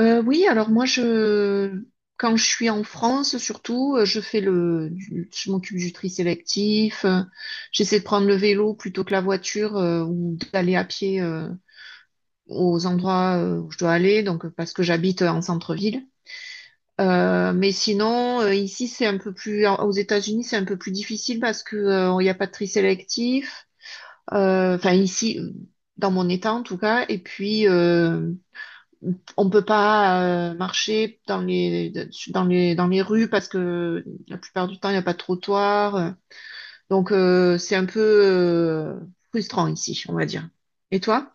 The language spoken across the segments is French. Oui, alors moi je quand je suis en France surtout, je fais je m'occupe du tri sélectif, j'essaie de prendre le vélo plutôt que la voiture, ou d'aller à pied, aux endroits, où je dois aller, donc, parce que j'habite en centre-ville. Mais sinon, ici c'est un peu plus aux États-Unis c'est un peu plus difficile parce que, il n'y a pas de tri sélectif. Enfin ici dans mon état en tout cas et puis, on peut pas, marcher dans les rues parce que la plupart du temps il n'y a pas de trottoir. Donc, c'est un peu, frustrant ici, on va dire. Et toi?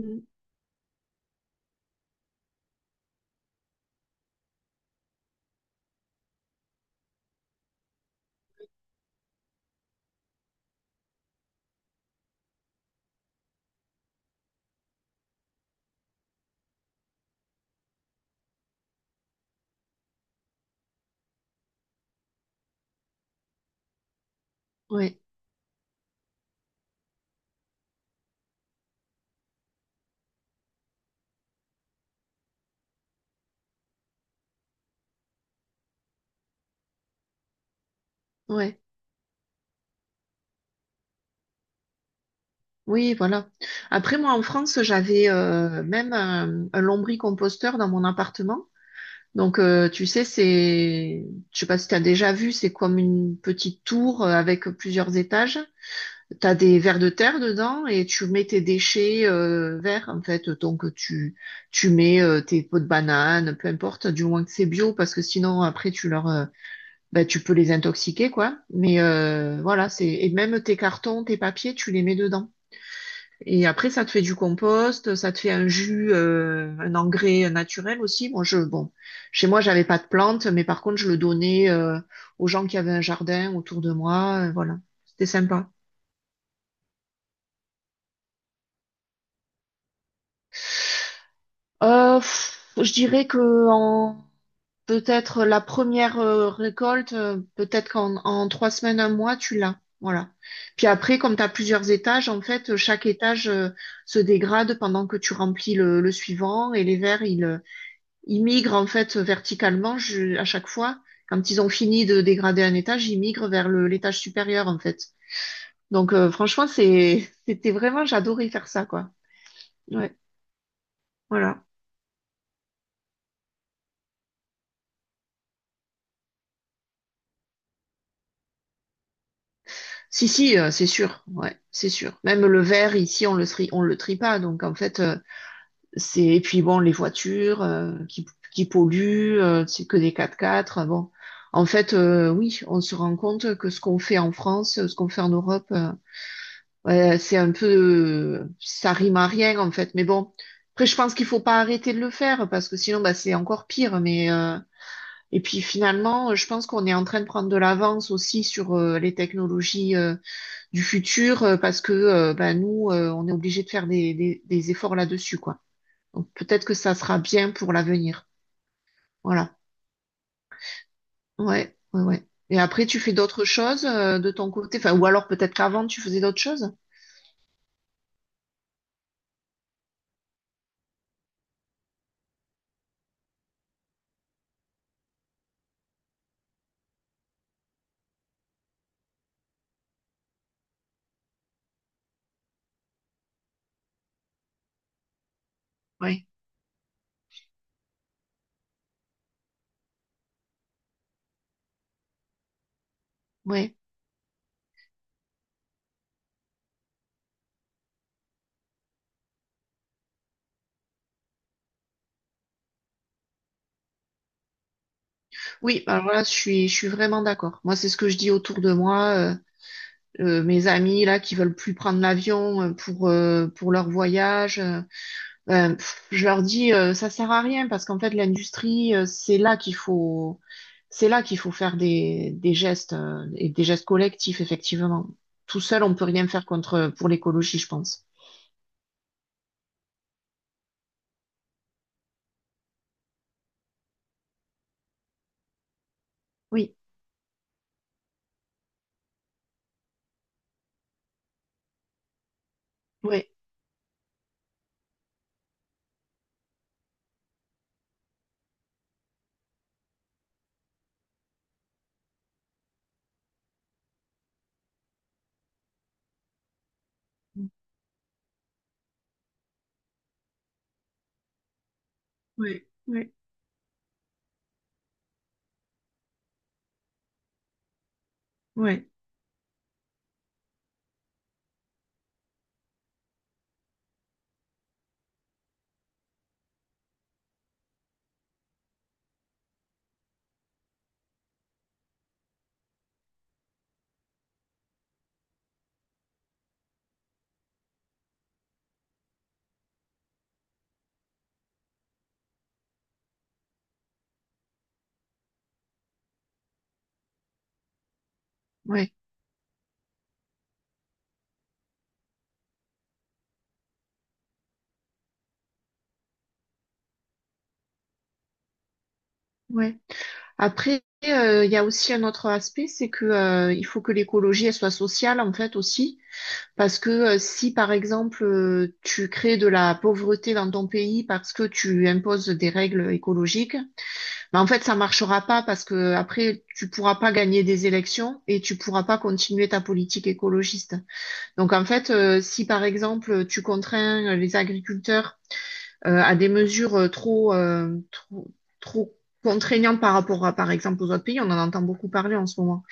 Mm. Ouais, ouais. Oui, voilà. Après, moi, en France, j'avais, même un lombricomposteur dans mon appartement. Donc, tu sais, c'est, je sais pas si tu as déjà vu, c'est comme une petite tour, avec plusieurs étages. T'as des vers de terre dedans et tu mets tes déchets, verts en fait. Donc tu mets, tes pots de banane, peu importe, du moins que c'est bio parce que sinon après tu leur, bah, tu peux les intoxiquer quoi. Mais, voilà, c'est et même tes cartons, tes papiers, tu les mets dedans. Et après ça te fait du compost, ça te fait un jus, un engrais naturel aussi. Moi je bon, chez moi j'avais pas de plantes, mais par contre je le donnais, aux gens qui avaient un jardin autour de moi. Voilà, c'était sympa. Je dirais que, en peut-être la première, récolte, peut-être qu'en en 3 semaines, un mois, tu l'as. Voilà. Puis après, comme tu as plusieurs étages, en fait, chaque étage, se dégrade pendant que tu remplis le suivant et les vers, ils, ils migrent en fait verticalement à chaque fois. Quand ils ont fini de dégrader un étage, ils migrent vers l'étage supérieur en fait. Donc, franchement, c'était vraiment, j'adorais faire ça, quoi. Ouais, voilà. Si, si, c'est sûr, ouais, c'est sûr. Même le verre, ici, on le trie pas. Donc, en fait, c'est, et puis bon, les voitures, qui polluent, c'est que des 4x4. Bon, en fait, oui, on se rend compte que ce qu'on fait en France, ce qu'on fait en Europe, ouais, c'est un peu, ça rime à rien, en fait. Mais bon, après, je pense qu'il faut pas arrêter de le faire parce que sinon, bah, c'est encore pire. Mais, et puis finalement, je pense qu'on est en train de prendre de l'avance aussi sur, les technologies du futur, parce que, bah, nous, on est obligé de faire des efforts là-dessus, quoi. Donc peut-être que ça sera bien pour l'avenir. Voilà. Ouais, ouais, ouais. Et après, tu fais d'autres choses, de ton côté, enfin, ou alors peut-être qu'avant, tu faisais d'autres choses. Oui, oui. Oui, alors là, je suis vraiment d'accord. Moi, c'est ce que je dis autour de moi. Mes amis là qui veulent plus prendre l'avion, pour leur voyage, ben, je leur dis, ça sert à rien parce qu'en fait l'industrie, C'est là qu'il faut faire des gestes, et des gestes collectifs, effectivement. Tout seul, on peut rien faire contre pour l'écologie, je pense. Oui, oui, oui, oui, oui, oui, oui. Après, il y a aussi un autre aspect, c'est que, il faut que l'écologie elle soit sociale en fait aussi, parce que, si par exemple, tu crées de la pauvreté dans ton pays parce que tu imposes des règles écologiques. Mais en fait, ça marchera pas parce que après, tu pourras pas gagner des élections et tu pourras pas continuer ta politique écologiste. Donc en fait, si par exemple tu contrains, les agriculteurs, à des mesures, trop contraignantes par rapport à, par exemple, aux autres pays, on en entend beaucoup parler en ce moment.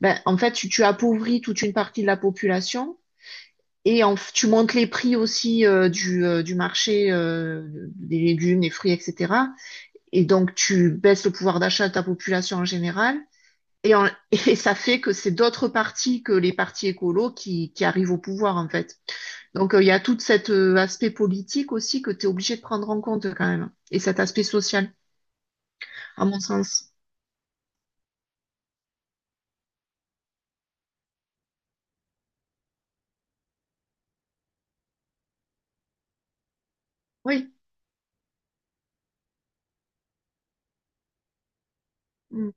Ben, en fait, tu appauvris toute une partie de la population. Et tu montes les prix aussi, du marché, des légumes, des fruits, etc. Et donc, tu baisses le pouvoir d'achat de ta population en général. Et, en- et ça fait que c'est d'autres partis que les partis écolos qui arrivent au pouvoir, en fait. Donc, il y a tout cet, aspect politique aussi que tu es obligé de prendre en compte quand même. Et cet aspect social, à mon sens. Oui, mm,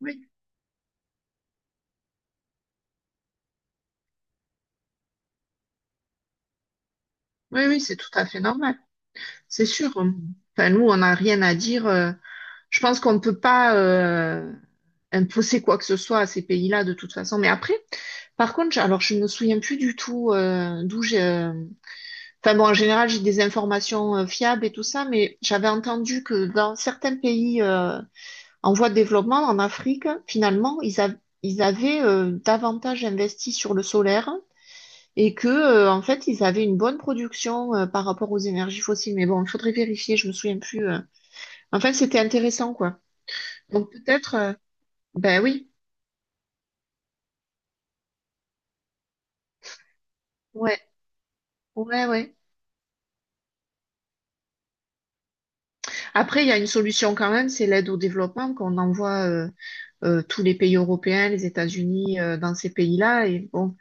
oui, oui, oui, c'est tout à fait normal. C'est sûr. Enfin, nous, on n'a rien à dire. Je pense qu'on ne peut pas, imposer quoi que ce soit à ces pays-là de toute façon. Mais après, par contre, alors je me souviens plus du tout, d'où j'ai. Enfin bon, en général, j'ai des informations, fiables et tout ça, mais j'avais entendu que dans certains pays, en voie de développement, en Afrique, finalement, ils avaient, davantage investi sur le solaire et que, en fait, ils avaient une bonne production, par rapport aux énergies fossiles. Mais bon, il faudrait vérifier. Je me souviens plus. Enfin, c'était intéressant, quoi. Donc peut-être. Ben oui. Ouais. Ouais, ouais. Après, il y a une solution quand même, c'est l'aide au développement qu'on envoie, tous les pays européens, les États-Unis, dans ces pays-là, et bon,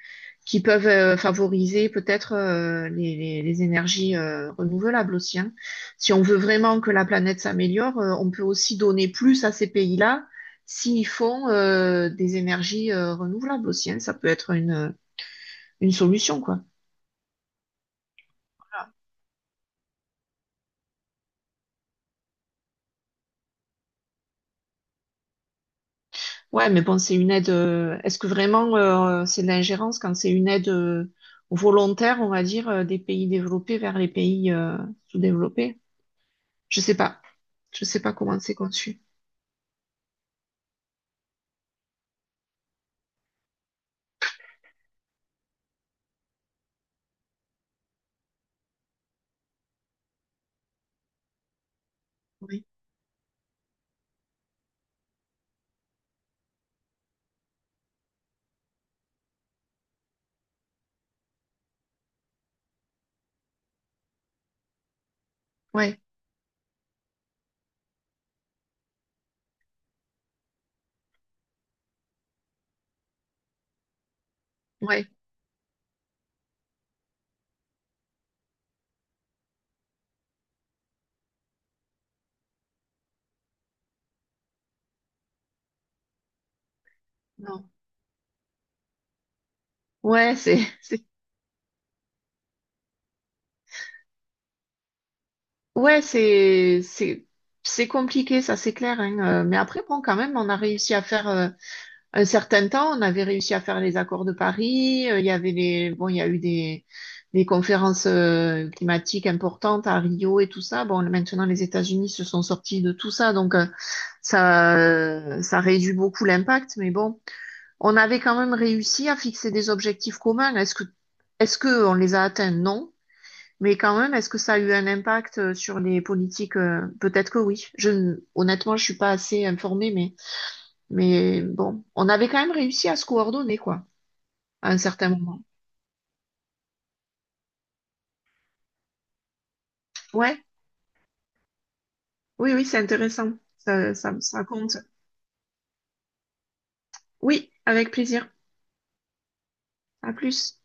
qui peuvent, favoriser peut-être, les énergies, renouvelables aussi. Hein. Si on veut vraiment que la planète s'améliore, on peut aussi donner plus à ces pays-là s'ils font, des énergies, renouvelables aussi. Hein. Ça peut être une solution, quoi. Ouais, mais bon, c'est une aide. Est-ce que vraiment, c'est de l'ingérence quand c'est une aide, volontaire, on va dire, des pays développés vers les pays, sous-développés? Je sais pas. Je sais pas comment c'est conçu. Oui. Ouais. Ouais. Non. Ouais, c'est, c'est, ouais, c'est compliqué, ça, c'est clair. Hein, mais après, bon, quand même, on a réussi à faire. Un certain temps, on avait réussi à faire les accords de Paris. Il y avait les, bon, il y a eu des conférences, climatiques importantes à Rio et tout ça. Bon, maintenant, les États-Unis se sont sortis de tout ça, donc, ça réduit beaucoup l'impact. Mais bon, on avait quand même réussi à fixer des objectifs communs. Est-ce que on les a atteints? Non. Mais quand même, est-ce que ça a eu un impact, sur les politiques? Peut-être que oui. Je, ne- Honnêtement, je suis pas assez informée, mais bon, on avait quand même réussi à se coordonner, quoi, à un certain moment. Ouais, oui, oui, c'est intéressant. Ça compte. Oui, avec plaisir. À plus.